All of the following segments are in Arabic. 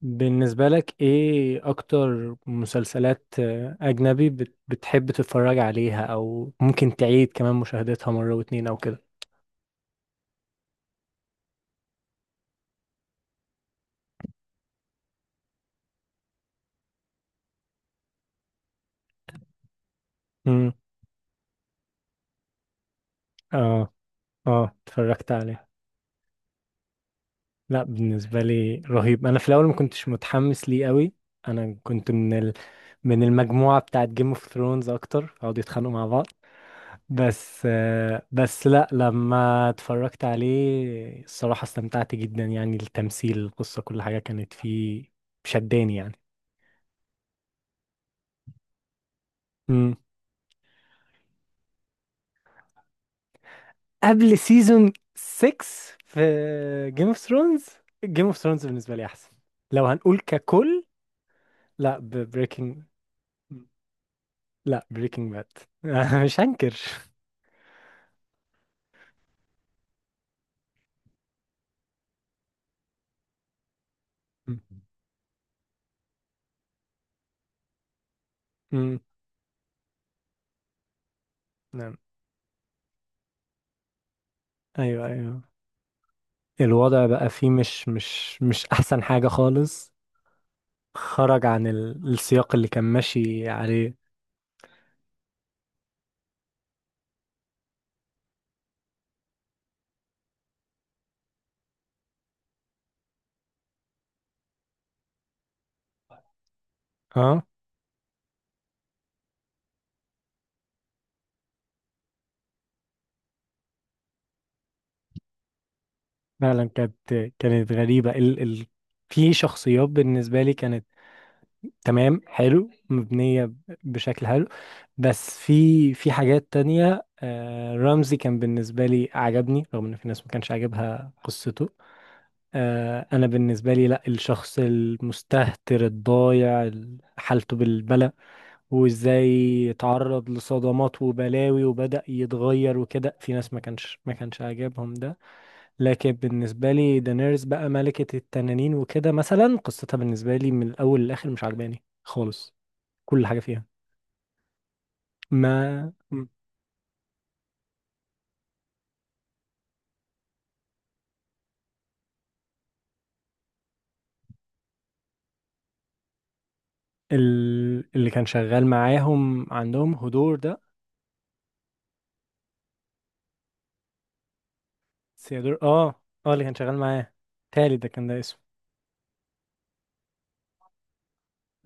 بالنسبة لك ايه اكتر مسلسلات اجنبي بتحب تتفرج عليها او ممكن تعيد كمان مشاهدتها مرة واتنين او كده. امم اه اه، اتفرجت عليها. لا، بالنسبة لي رهيب. انا في الاول ما كنتش متحمس ليه قوي. انا كنت من المجموعة بتاعت جيم اوف ثرونز اكتر، قعدوا يتخانقوا مع بعض. بس بس لا، لما اتفرجت عليه الصراحة استمتعت جدا، يعني التمثيل، القصة، كل حاجة كانت فيه شداني يعني. مم. قبل سيزون 6 في جيم اوف ثرونز، جيم اوف ثرونز بالنسبه لي احسن لو هنقول ككل. لا بريكنج لا، بريكنج باد. مش هنكر. مم. مم. نعم. ايوه، ايوه. الوضع بقى فيه مش احسن حاجه خالص. خرج عن السياق اللي كان ماشي عليه. اه. فعلا كانت غريبه. ال ال في شخصيات بالنسبه لي كانت تمام، حلو، مبنيه بشكل حلو. بس في حاجات تانية رمزي كان بالنسبة لي عجبني، رغم ان في ناس ما كانش عاجبها قصته. انا بالنسبة لي لا، الشخص المستهتر الضايع، حالته بالبلى، وازاي اتعرض لصدمات وبلاوي وبدأ يتغير وكده، في ناس ما كانش عاجبهم ده. لكن بالنسبة لي دانيرز بقى، ملكة التنانين وكده مثلا، قصتها بالنسبة لي من الاول للاخر مش عجباني خالص، كل حاجة فيها. ما اللي كان شغال معاهم عندهم هدور ده، سيادور. اه اللي كان شغال معاه، تالي ده كان، ده اسمه.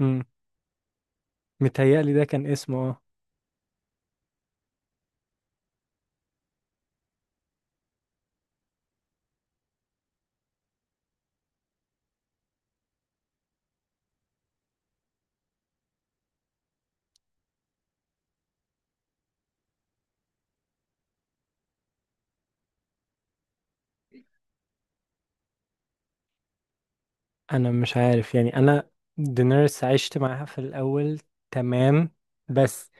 امم. متهيألي ده كان اسمه اه. انا مش عارف يعني. انا دينيرس عشت معاها في الاول، تمام، بس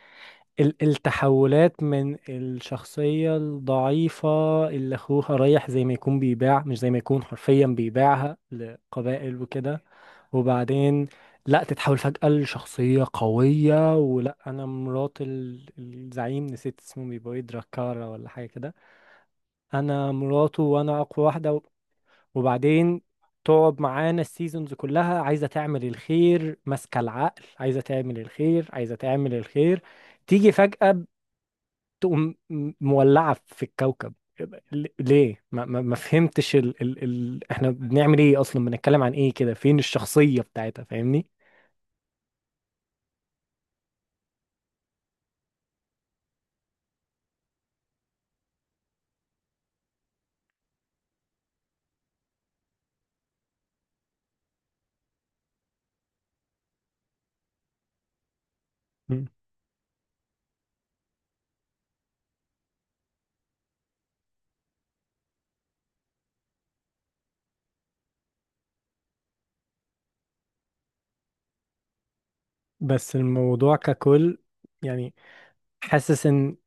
ال التحولات من الشخصية الضعيفة، اللي اخوها رايح زي ما يكون بيباع، مش زي ما يكون، حرفيا بيباعها لقبائل وكده، وبعدين لا، تتحول فجأة لشخصية قوية، ولا أنا مرات الزعيم نسيت اسمه، بيبقى إيه، دراكارا ولا حاجة كده، أنا مراته وأنا أقوى واحدة وبعدين تقعد معانا السيزونز كلها عايزة تعمل الخير، ماسكة العقل، عايزة تعمل الخير، عايزة تعمل الخير، تيجي فجأة تقوم مولعة في الكوكب. ليه؟ ما فهمتش ال ال ال احنا بنعمل ايه اصلا؟ بنتكلم عن ايه كده؟ فين الشخصية بتاعتها؟ فاهمني؟ بس الموضوع ككل يعني، حاسس ان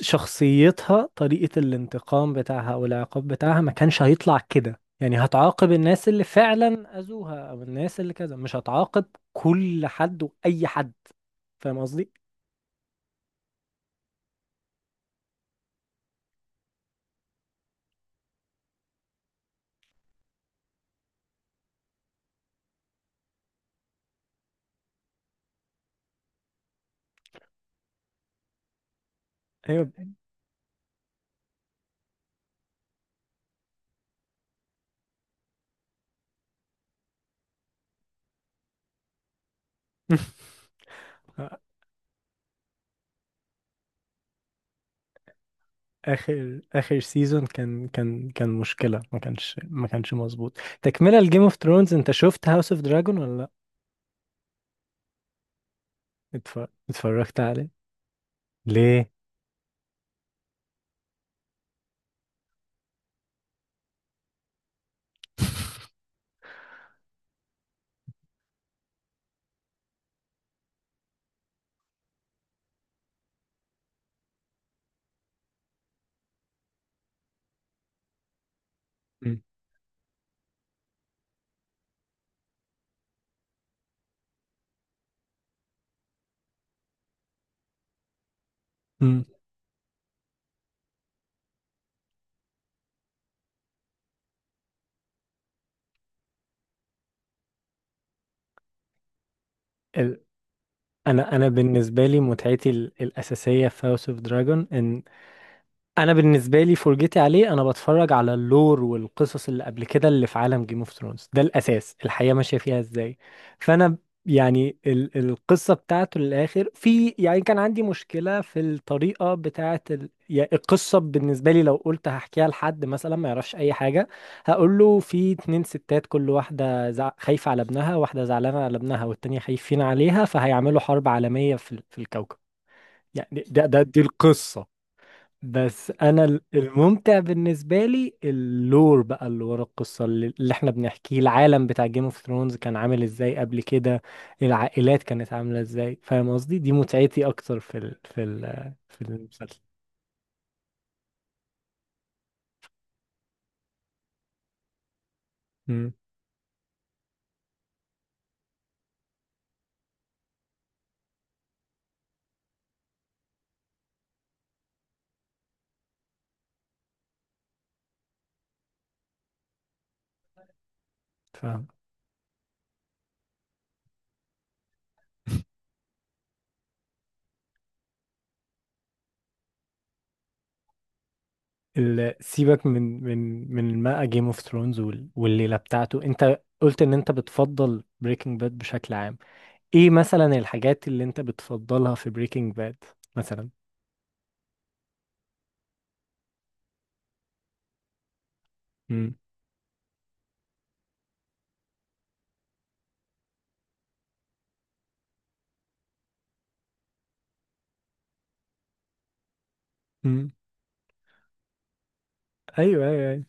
شخصيتها، طريقة الانتقام بتاعها او العقاب بتاعها، ما كانش هيطلع كده. يعني هتعاقب الناس اللي فعلا اذوها او الناس اللي كذا، مش هتعاقب كل حد واي حد، فاهم قصدي؟ ايوه. اخر سيزون كان كان مشكلة، ما كانش مظبوط تكملة لجيم اوف ثرونز. انت شفت هاوس اوف دراجون ولا لا؟ اتفرجت عليه. ليه؟ مم. انا بالنسبه لي متعتي الاساسيه في هاوس اوف دراجون، ان انا بالنسبه لي فرجتي عليه، انا بتفرج على اللور والقصص اللي قبل كده، اللي في عالم جيم اوف ثرونز ده، الاساس الحياه ماشيه فيها ازاي. فانا يعني ال القصه بتاعته للاخر، في يعني كان عندي مشكله في الطريقه بتاعه ال، يعني القصه بالنسبه لي، لو قلت هحكيها لحد مثلا ما يعرفش اي حاجه، هقول له في اتنين ستات، كل واحده خايفه على ابنها، واحده زعلانه على ابنها والتانيه خايفين عليها، فهيعملوا حرب عالميه في الكوكب. يعني ده ده دي القصه. بس انا الممتع بالنسبه لي اللور بقى اللي ورا القصه اللي احنا بنحكيه، العالم بتاع جيم اوف ثرونز كان عامل ازاي قبل كده، العائلات كانت عامله ازاي، فاهم قصدي؟ دي متعتي اكتر في المسلسل. امم. فاهم. سيبك من ما جيم اوف ثرونز والليله بتاعته. انت قلت ان انت بتفضل بريكنج باد بشكل عام. ايه مثلا الحاجات اللي انت بتفضلها في بريكنج باد مثلا؟ امم. امم. ايوه.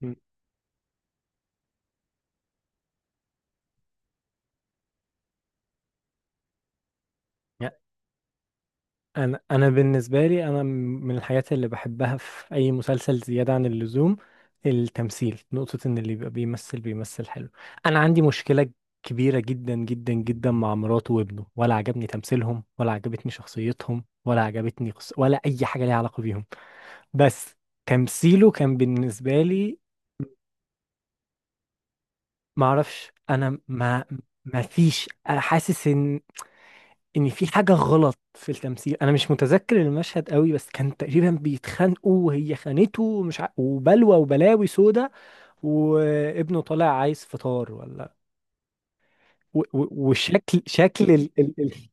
مم. انا بالنسبه لي من الحاجات اللي بحبها في اي مسلسل زياده عن اللزوم، التمثيل، نقطه، ان اللي بيبقى بيمثل بيمثل حلو. انا عندي مشكله كبيره جدا جدا جدا مع مراته وابنه، ولا عجبني تمثيلهم، ولا عجبتني شخصيتهم، ولا عجبتني ولا اي حاجه ليها علاقه بيهم. بس تمثيله كان بالنسبه لي. ما اعرفش انا ما حاسس ان في حاجه غلط في التمثيل. انا مش متذكر المشهد قوي، بس كان تقريبا بيتخانقوا وهي خانته وبلوى وبلاوي سودا، وابنه طالع عايز فطار ولا، وشكل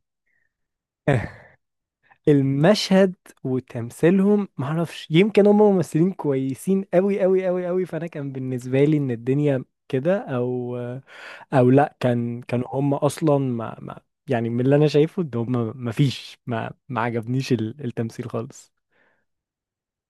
المشهد. وتمثيلهم معرفش، يمكن هم ممثلين كويسين قوي قوي قوي قوي فانا كان بالنسبه لي ان الدنيا كده، او او لا، كان كانوا هم اصلا، ما ما يعني من اللي انا شايفه ان هم ما فيش، ما ما عجبنيش التمثيل خالص